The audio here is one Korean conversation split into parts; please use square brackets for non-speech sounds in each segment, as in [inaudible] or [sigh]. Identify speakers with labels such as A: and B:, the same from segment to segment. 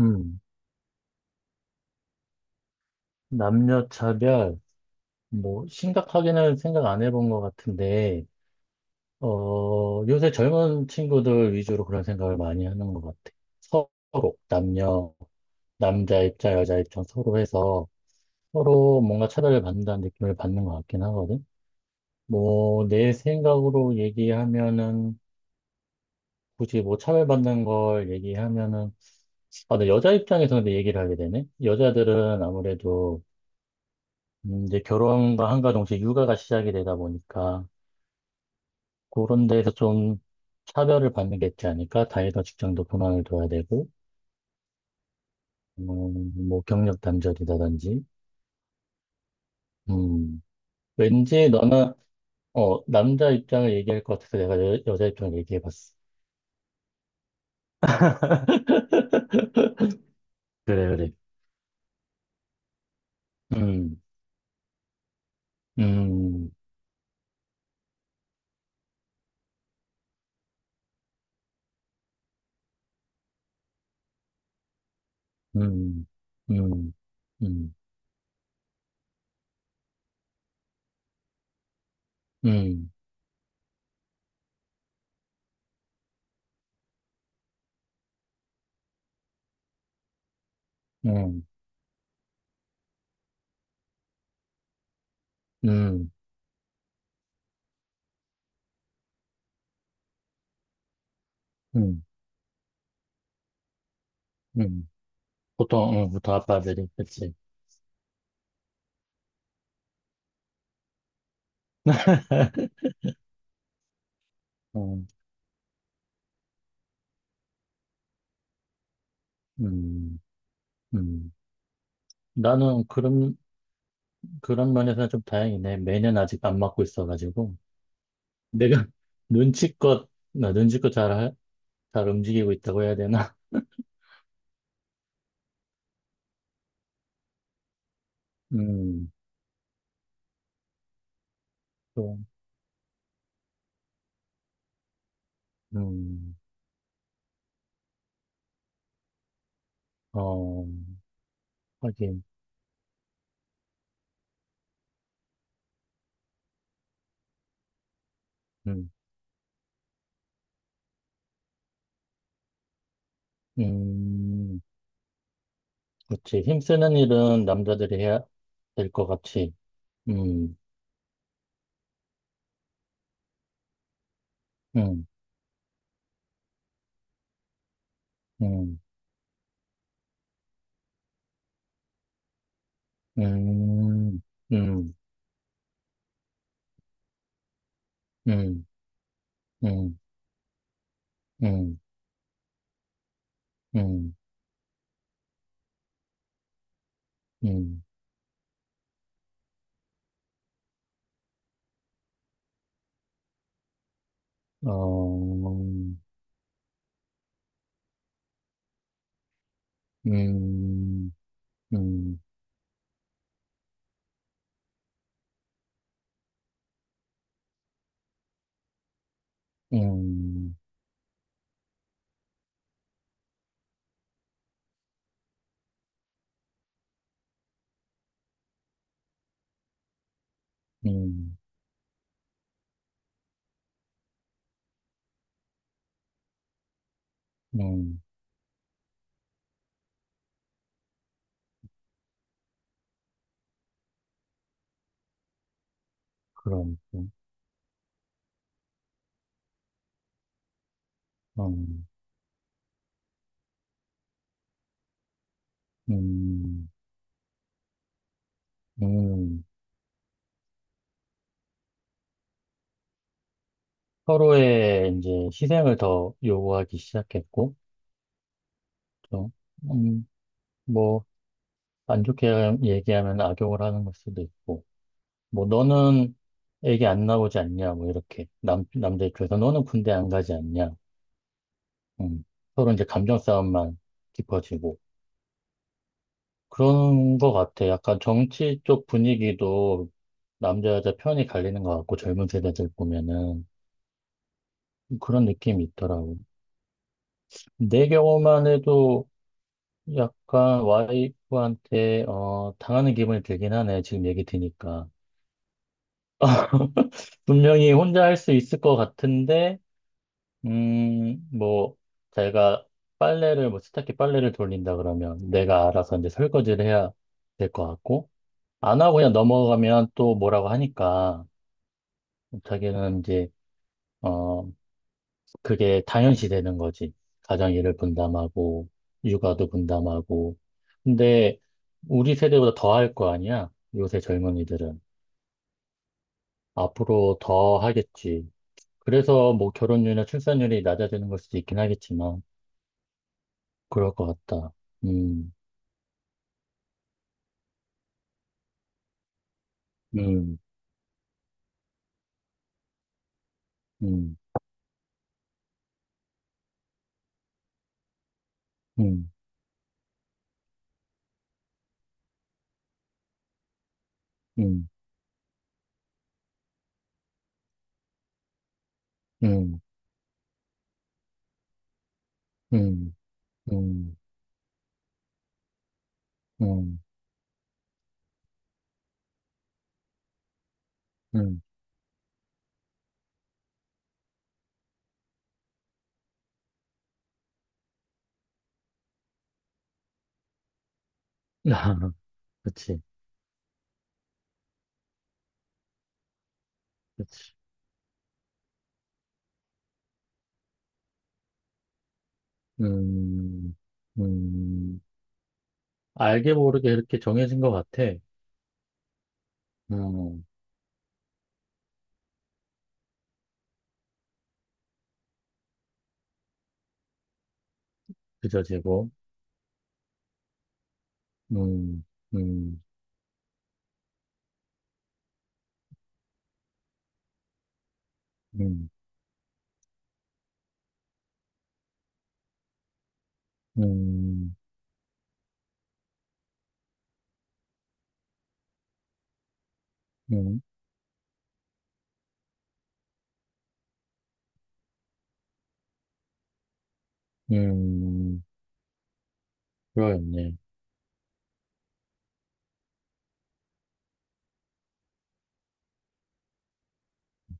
A: 음, 남녀 차별, 뭐, 심각하게는 생각 안 해본 것 같은데, 요새 젊은 친구들 위주로 그런 생각을 많이 하는 것 같아. 서로, 남녀, 남자 입장, 여자 입장 서로 해서 서로 뭔가 차별을 받는다는 느낌을 받는 것 같긴 하거든. 뭐, 내 생각으로 얘기하면은, 굳이 뭐 차별받는 걸 얘기하면은, 아, 근 여자 입장에서 근데 얘기를 하게 되네. 여자들은 아무래도 이제 결혼과 한가 동시에 육아가 시작이 되다 보니까 그런 데에서 좀 차별을 받는 게 있지 않을까? 다이더 직장도 그만을 둬야 되고, 뭐 경력 단절이라든지. 음, 왠지 너는 남자 입장을 얘기할 것 같아서 내가 여자 입장을 얘기해 봤어. 그래, 그래. 음. 음. 음. 음. 음. 음. 음. 음. 음. 음. 보통 아빠들이, 그치? [laughs] 음. 음. 음. 나는 그런 면에서는 좀 다행이네. 매년 아직 안 맞고 있어가지고. 내가 [laughs] 눈치껏 잘, 잘 움직이고 있다고 해야 되나? [laughs] 음. 또. 음. 어, 하긴. 음. 음. 그렇지. 힘쓰는 일은 남자들이 해야 될 것 같이. 음. 음. 음. 음. 음. 음. 음. 음. 음. 음. 음. 어. 음. 음. 음. 음. 음. 그런. 음. 음. 음. 서로의 이제 희생을 더 요구하기 시작했고, 또, 음, 뭐, 안 좋게 얘기하면 악용을 하는 걸 수도 있고, 뭐, 너는 애기 안 나오지 않냐, 뭐, 이렇게. 남자 입장에서 너는 군대 안 가지 않냐. 음, 서로 이제 감정 싸움만 깊어지고, 그런 것 같아. 약간 정치 쪽 분위기도 남자 여자 편이 갈리는 것 같고 젊은 세대들 보면은 그런 느낌이 있더라고. 내 경우만 해도 약간 와이프한테 당하는 기분이 들긴 하네. 지금 얘기 드니까. [laughs] 분명히 혼자 할 수 있을 것 같은데 뭐 자기가 빨래를 뭐 세탁기 빨래를 돌린다 그러면 내가 알아서 이제 설거지를 해야 될 것 같고 안 하고 그냥 넘어가면 또 뭐라고 하니까 자기는 이제 어 그게 당연시 되는 거지. 가정일을 분담하고 육아도 분담하고. 근데 우리 세대보다 더 할 거 아니야? 요새 젊은이들은 앞으로 더 하겠지. 그래서 뭐 결혼율이나 출산율이 낮아지는 걸 수도 있긴 하겠지만 그럴 것 같다. 음. 음. 음. 음. 음. 음. 음. 음. 음. 음. [laughs] 그치, 그치. 음. 음. 알게 모르게 이렇게 정해진 것 같아. 음. 그저 제곱. 음. 음. 음. 음. 음. 음. 그러겠네.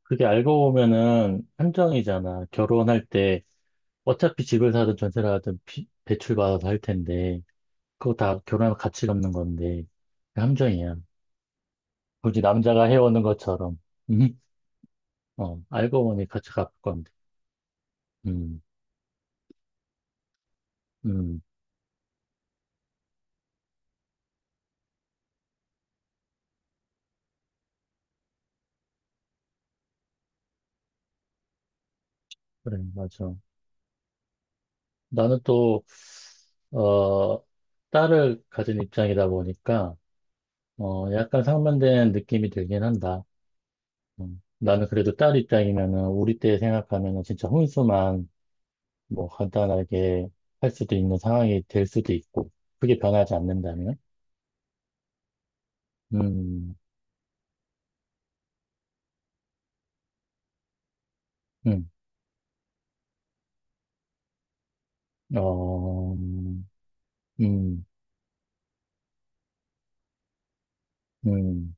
A: 그게 알고 보면은 한정이잖아. 결혼할 때 어차피 집을 사든 전세를 하든 대출받아서 할 텐데, 그거 다 결혼하면 같이 갚는 건데, 그 함정이야. 굳이 남자가 해오는 것처럼. [laughs] 어, 알고 보니 같이 갚을 건데. 음. 음. 그래, 맞아. 나는 또, 어, 딸을 가진 입장이다 보니까, 약간 상반된 느낌이 들긴 한다. 나는 그래도 딸 입장이면은, 우리 때 생각하면은 진짜 혼수만 뭐 간단하게 할 수도 있는 상황이 될 수도 있고, 그게 변하지 않는다면, 음. 음. 어. 음. 음.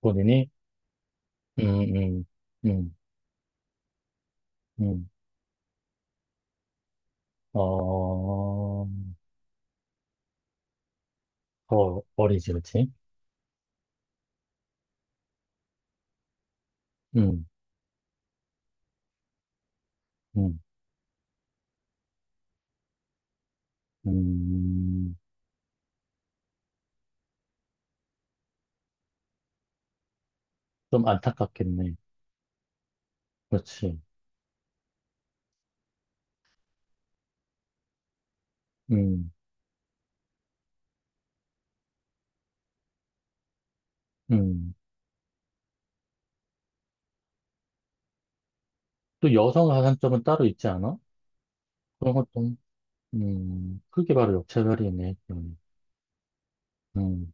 A: 본인이. 음. 음. 음. 음. 어, 어, 어리지, 그렇지? 음. 음. 음, 좀 안타깝겠네. 그렇지. 음. 음. 또 여성 가산점은 따로 있지 않아? 그런 것도, 그게 바로 역차별이네. 음. 음.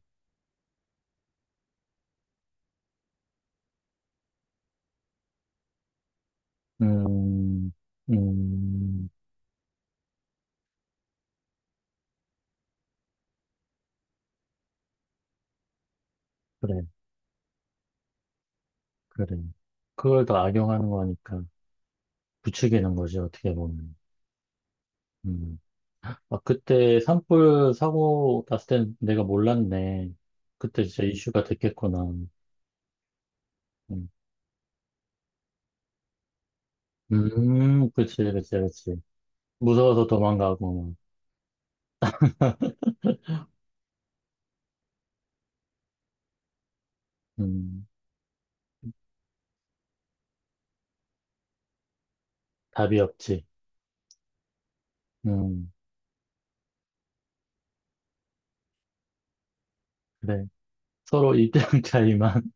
A: 음. 음. 그래, 그래. 그걸 더 악용하는 거니까 부추기는 거지, 어떻게 보면. 음. 아, 그때 산불 사고 났을 땐 내가 몰랐네. 그때 진짜 이슈가 됐겠구나. 음. 음. 그치, 그치, 그치. 무서워서 도망가고. 음. 답이 없지. 음. 그래. 서로 입장 [laughs] 차이만.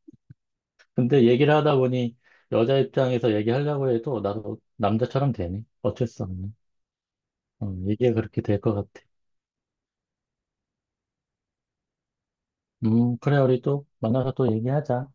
A: 근데 얘기를 하다 보니 여자 입장에서 얘기하려고 해도 나도 남자처럼 되네. 어쩔 수 없네. 얘기가 그렇게 될 것 같아. 그래, 우리 또 만나서 또 얘기하자.